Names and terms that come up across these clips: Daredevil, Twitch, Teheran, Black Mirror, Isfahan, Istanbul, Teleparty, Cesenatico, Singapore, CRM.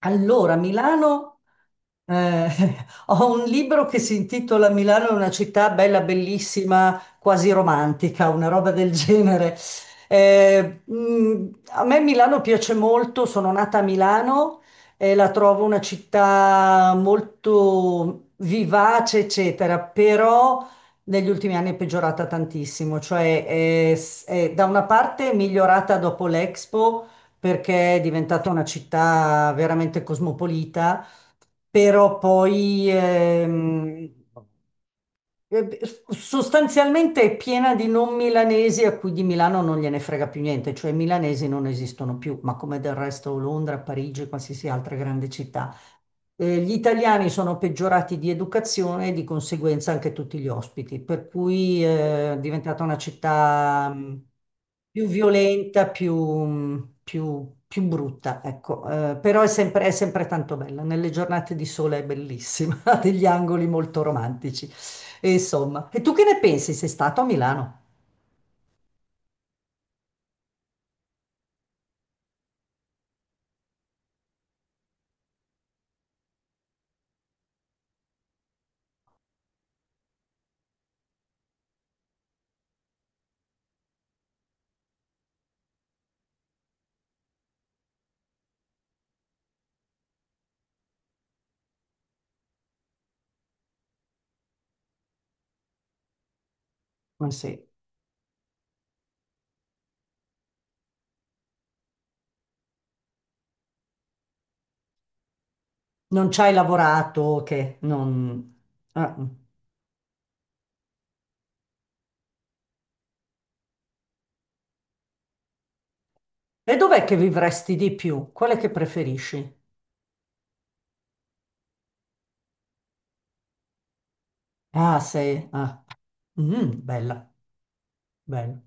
Allora, Milano, eh, ho un libro che si intitola Milano è una città bella, bellissima, quasi romantica, una roba del genere. A me Milano piace molto, sono nata a Milano e la trovo una città molto vivace, eccetera, però negli ultimi anni è peggiorata tantissimo, da una parte è migliorata dopo l'Expo perché è diventata una città veramente cosmopolita, però poi eh, sostanzialmente è piena di non milanesi a cui di Milano non gliene frega più niente, cioè i milanesi non esistono più, ma come del resto Londra, Parigi, qualsiasi altra grande città. Gli italiani sono peggiorati di educazione e di conseguenza anche tutti gli ospiti, per cui è diventata una città più violenta, più brutta, ecco. Però è sempre tanto bella. Nelle giornate di sole è bellissima, ha degli angoli molto romantici. E insomma, e tu che ne pensi? Sei stato a Milano? Ma sì. Non ci hai lavorato? Che non... Ah, mm. E dov'è che vivresti di più? Qual è che preferisci? Ah, sei... Ah. Mm, bella, bella.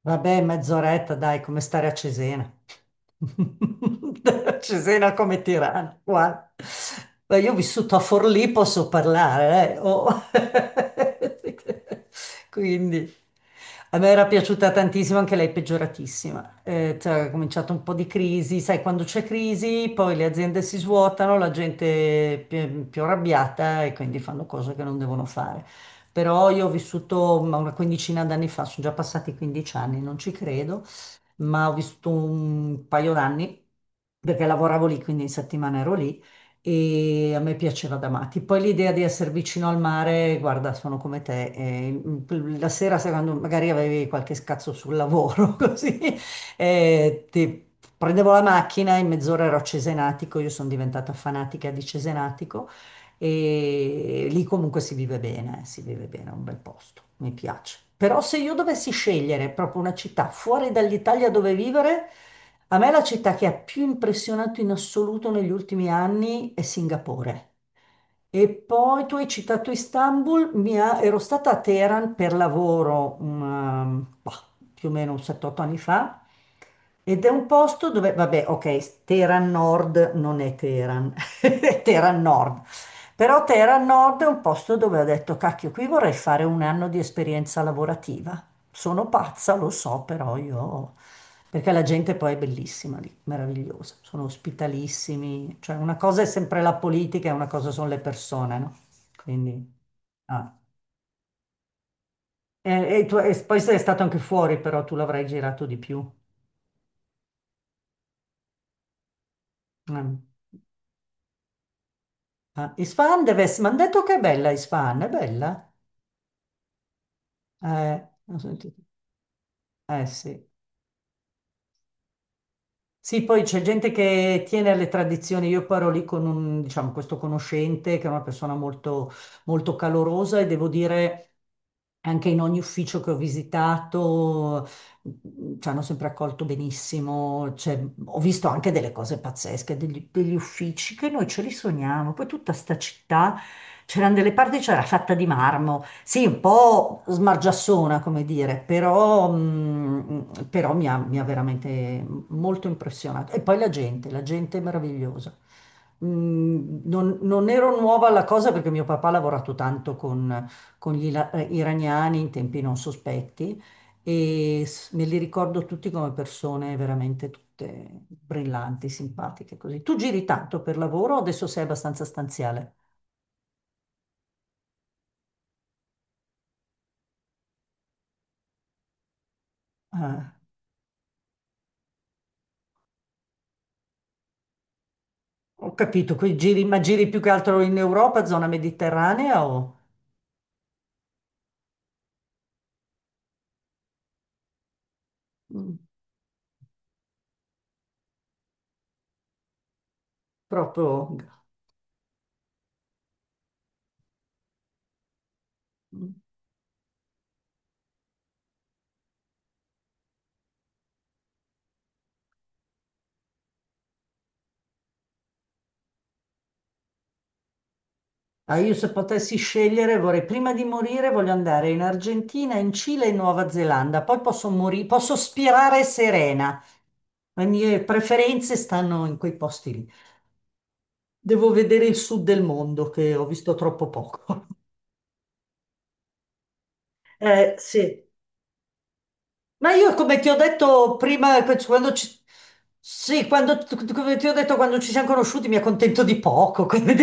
Vabbè, mezz'oretta, dai, come stare a Cesena. Cesena come Tirana, guarda. Beh, io ho vissuto a Forlì, posso parlare, oh. Quindi, a me era piaciuta tantissimo, anche lei peggioratissima. Cioè, è cominciato un po' di crisi, sai, quando c'è crisi, poi le aziende si svuotano, la gente è più arrabbiata e quindi fanno cose che non devono fare. Però io ho vissuto ma, una quindicina d'anni fa, sono già passati 15 anni, non ci credo, ma ho vissuto un paio d'anni perché lavoravo lì, quindi in settimana ero lì e a me piaceva da matti. Poi l'idea di essere vicino al mare, guarda, sono come te, la sera sai, quando magari avevi qualche scazzo sul lavoro, così, eh, ti- prendevo la macchina, in mezz'ora ero a Cesenatico, io sono diventata fanatica di Cesenatico e lì comunque si vive bene, è un bel posto, mi piace. Però se io dovessi scegliere proprio una città fuori dall'Italia dove vivere, a me la città che ha più impressionato in assoluto negli ultimi anni è Singapore. E poi tu hai citato Istanbul, ero stata a Teheran per lavoro bah, più o meno un 7-8 anni fa ed è un posto dove, vabbè, ok, Teheran Nord non è Teheran, è Teheran Nord, però Terra Nord è un posto dove ho detto, cacchio, qui vorrei fare un anno di esperienza lavorativa. Sono pazza, lo so, però io... Perché la gente poi è bellissima lì, meravigliosa, sono ospitalissimi, cioè una cosa è sempre la politica e una cosa sono le persone, no? Quindi... ah. E, e poi sei stato anche fuori, però tu l'avrai girato di più. Mm. Ah, Isfahan deve essere... Mi hanno detto che è bella Isfahan, è bella? Ho sentito. Eh sì. Sì, poi c'è gente che tiene alle tradizioni. Io poi ero lì con un, diciamo, questo conoscente che è una persona molto calorosa e devo dire anche in ogni ufficio che ho visitato ci hanno sempre accolto benissimo. Cioè, ho visto anche delle cose pazzesche, degli uffici che noi ce li sogniamo. Poi tutta sta città c'erano delle parti, c'era fatta di marmo, sì, un po' smargiassona, come dire, però, però mi ha veramente molto impressionato. E poi la gente è meravigliosa. Mm, non ero nuova alla cosa perché mio papà ha lavorato tanto con iraniani in tempi non sospetti me li ricordo tutti come persone veramente tutte brillanti, simpatiche, così. Tu giri tanto per lavoro, o adesso sei abbastanza stanziale. Eh. Ho capito, quei giri, ma giri più che altro in Europa, zona mediterranea o mm, proprio... Mm. Ah, io se potessi scegliere vorrei, prima di morire, voglio andare in Argentina, in Cile e in Nuova Zelanda, poi posso morire, posso spirare serena. Le mie preferenze stanno in quei posti lì. Devo vedere il sud del mondo, che ho visto troppo poco. Sì. Ma io, come ti ho detto prima, sì, come ti ho detto, quando ci siamo conosciuti mi accontento di poco, quindi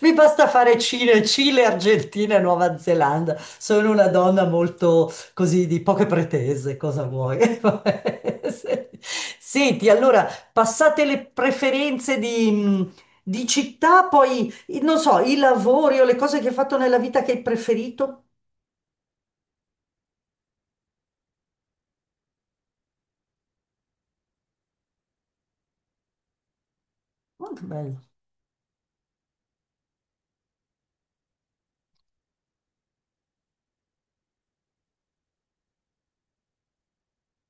mi basta fare Cile, Argentina e Nuova Zelanda. Sono una donna molto così di poche pretese, cosa vuoi? Senti, allora, passate le preferenze di città, poi, non so, i lavori o le cose che hai fatto nella vita che hai preferito. Oh, che bello.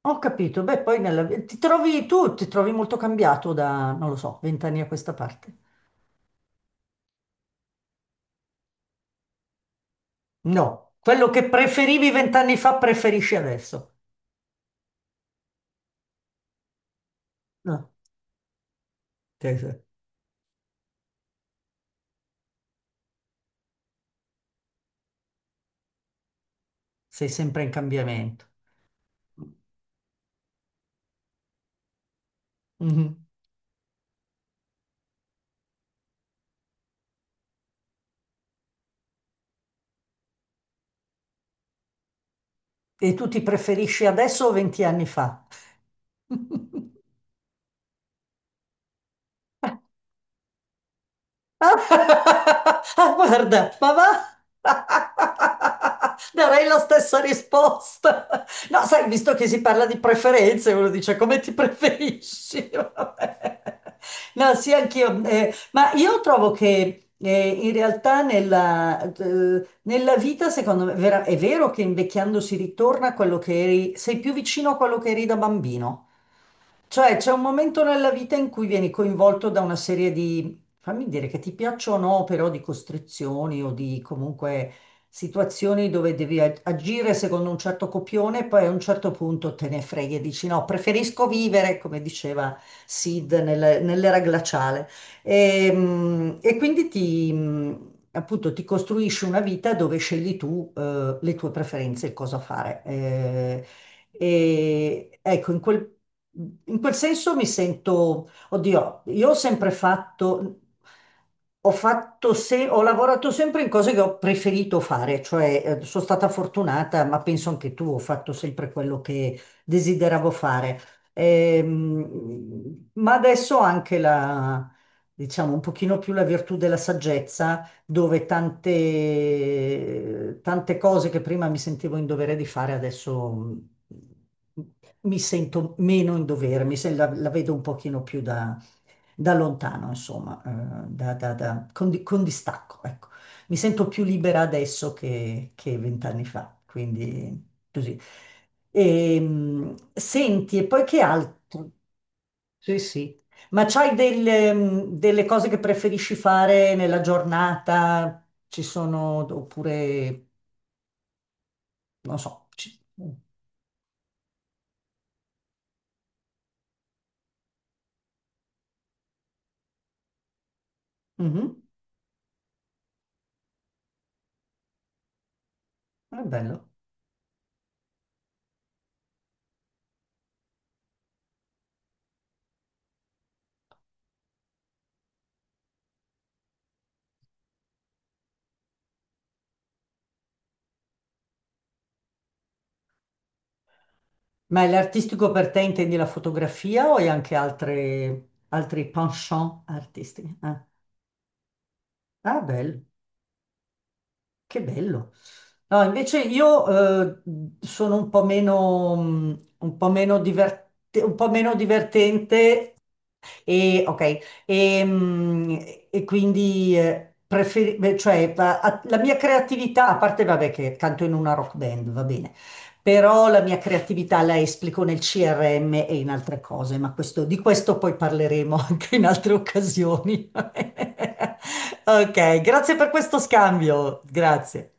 Ho capito, beh, poi nella... ti trovi tu, ti trovi molto cambiato da, non lo so, vent'anni a questa parte. No, quello che preferivi vent'anni fa preferisci adesso. No, te- te- sei sempre in cambiamento. Mhm. E tu ti preferisci adesso o venti anni fa? Ah, guarda, ma va? Darei la stessa risposta. No, sai, visto che si parla di preferenze, uno dice come ti preferisci? Vabbè. No, sì, anch'io. Ma io trovo che in realtà nella vita, secondo me, è vero che invecchiando si ritorna a quello che eri, sei più vicino a quello che eri da bambino. Cioè, c'è un momento nella vita in cui vieni coinvolto da una serie di, fammi dire che ti piacciono o no, però di costrizioni o di comunque situazioni dove devi agire secondo un certo copione e poi a un certo punto te ne freghi e dici no, preferisco vivere, come diceva Sid nell'era glaciale. E quindi appunto, ti costruisci una vita dove scegli tu, le tue preferenze e cosa fare. Ecco, in quel senso mi sento, oddio, io ho sempre fatto, ho fatto ho lavorato sempre in cose che ho preferito fare, cioè sono stata fortunata, ma penso anche tu, ho fatto sempre quello che desideravo fare. Ma adesso ho anche la, diciamo, un pochino più la virtù della saggezza dove tante cose che prima mi sentivo in dovere di fare, adesso mi sento meno in dovere, la vedo un pochino più da lontano, insomma, con distacco, ecco. Mi sento più libera adesso che vent'anni fa, quindi così. E, senti, e poi che altro? Sì, sì. Ma c'hai delle, delle cose che preferisci fare nella giornata? Ci sono, oppure, non so. Ci- Mhm, è bello. Ma l'artistico per te intendi la fotografia o hai anche altre, altri penchant artistici? Ah, ah, bello, che bello. No, invece io eh, sono un po' meno, un po' meno divertente. E, ok, e, mm, e quindi beh, la mia creatività, a parte vabbè che canto in una rock band, va bene, però la mia creatività la esplico nel CRM e in altre cose, ma di questo poi parleremo anche in altre occasioni. Ok, grazie per questo scambio, grazie.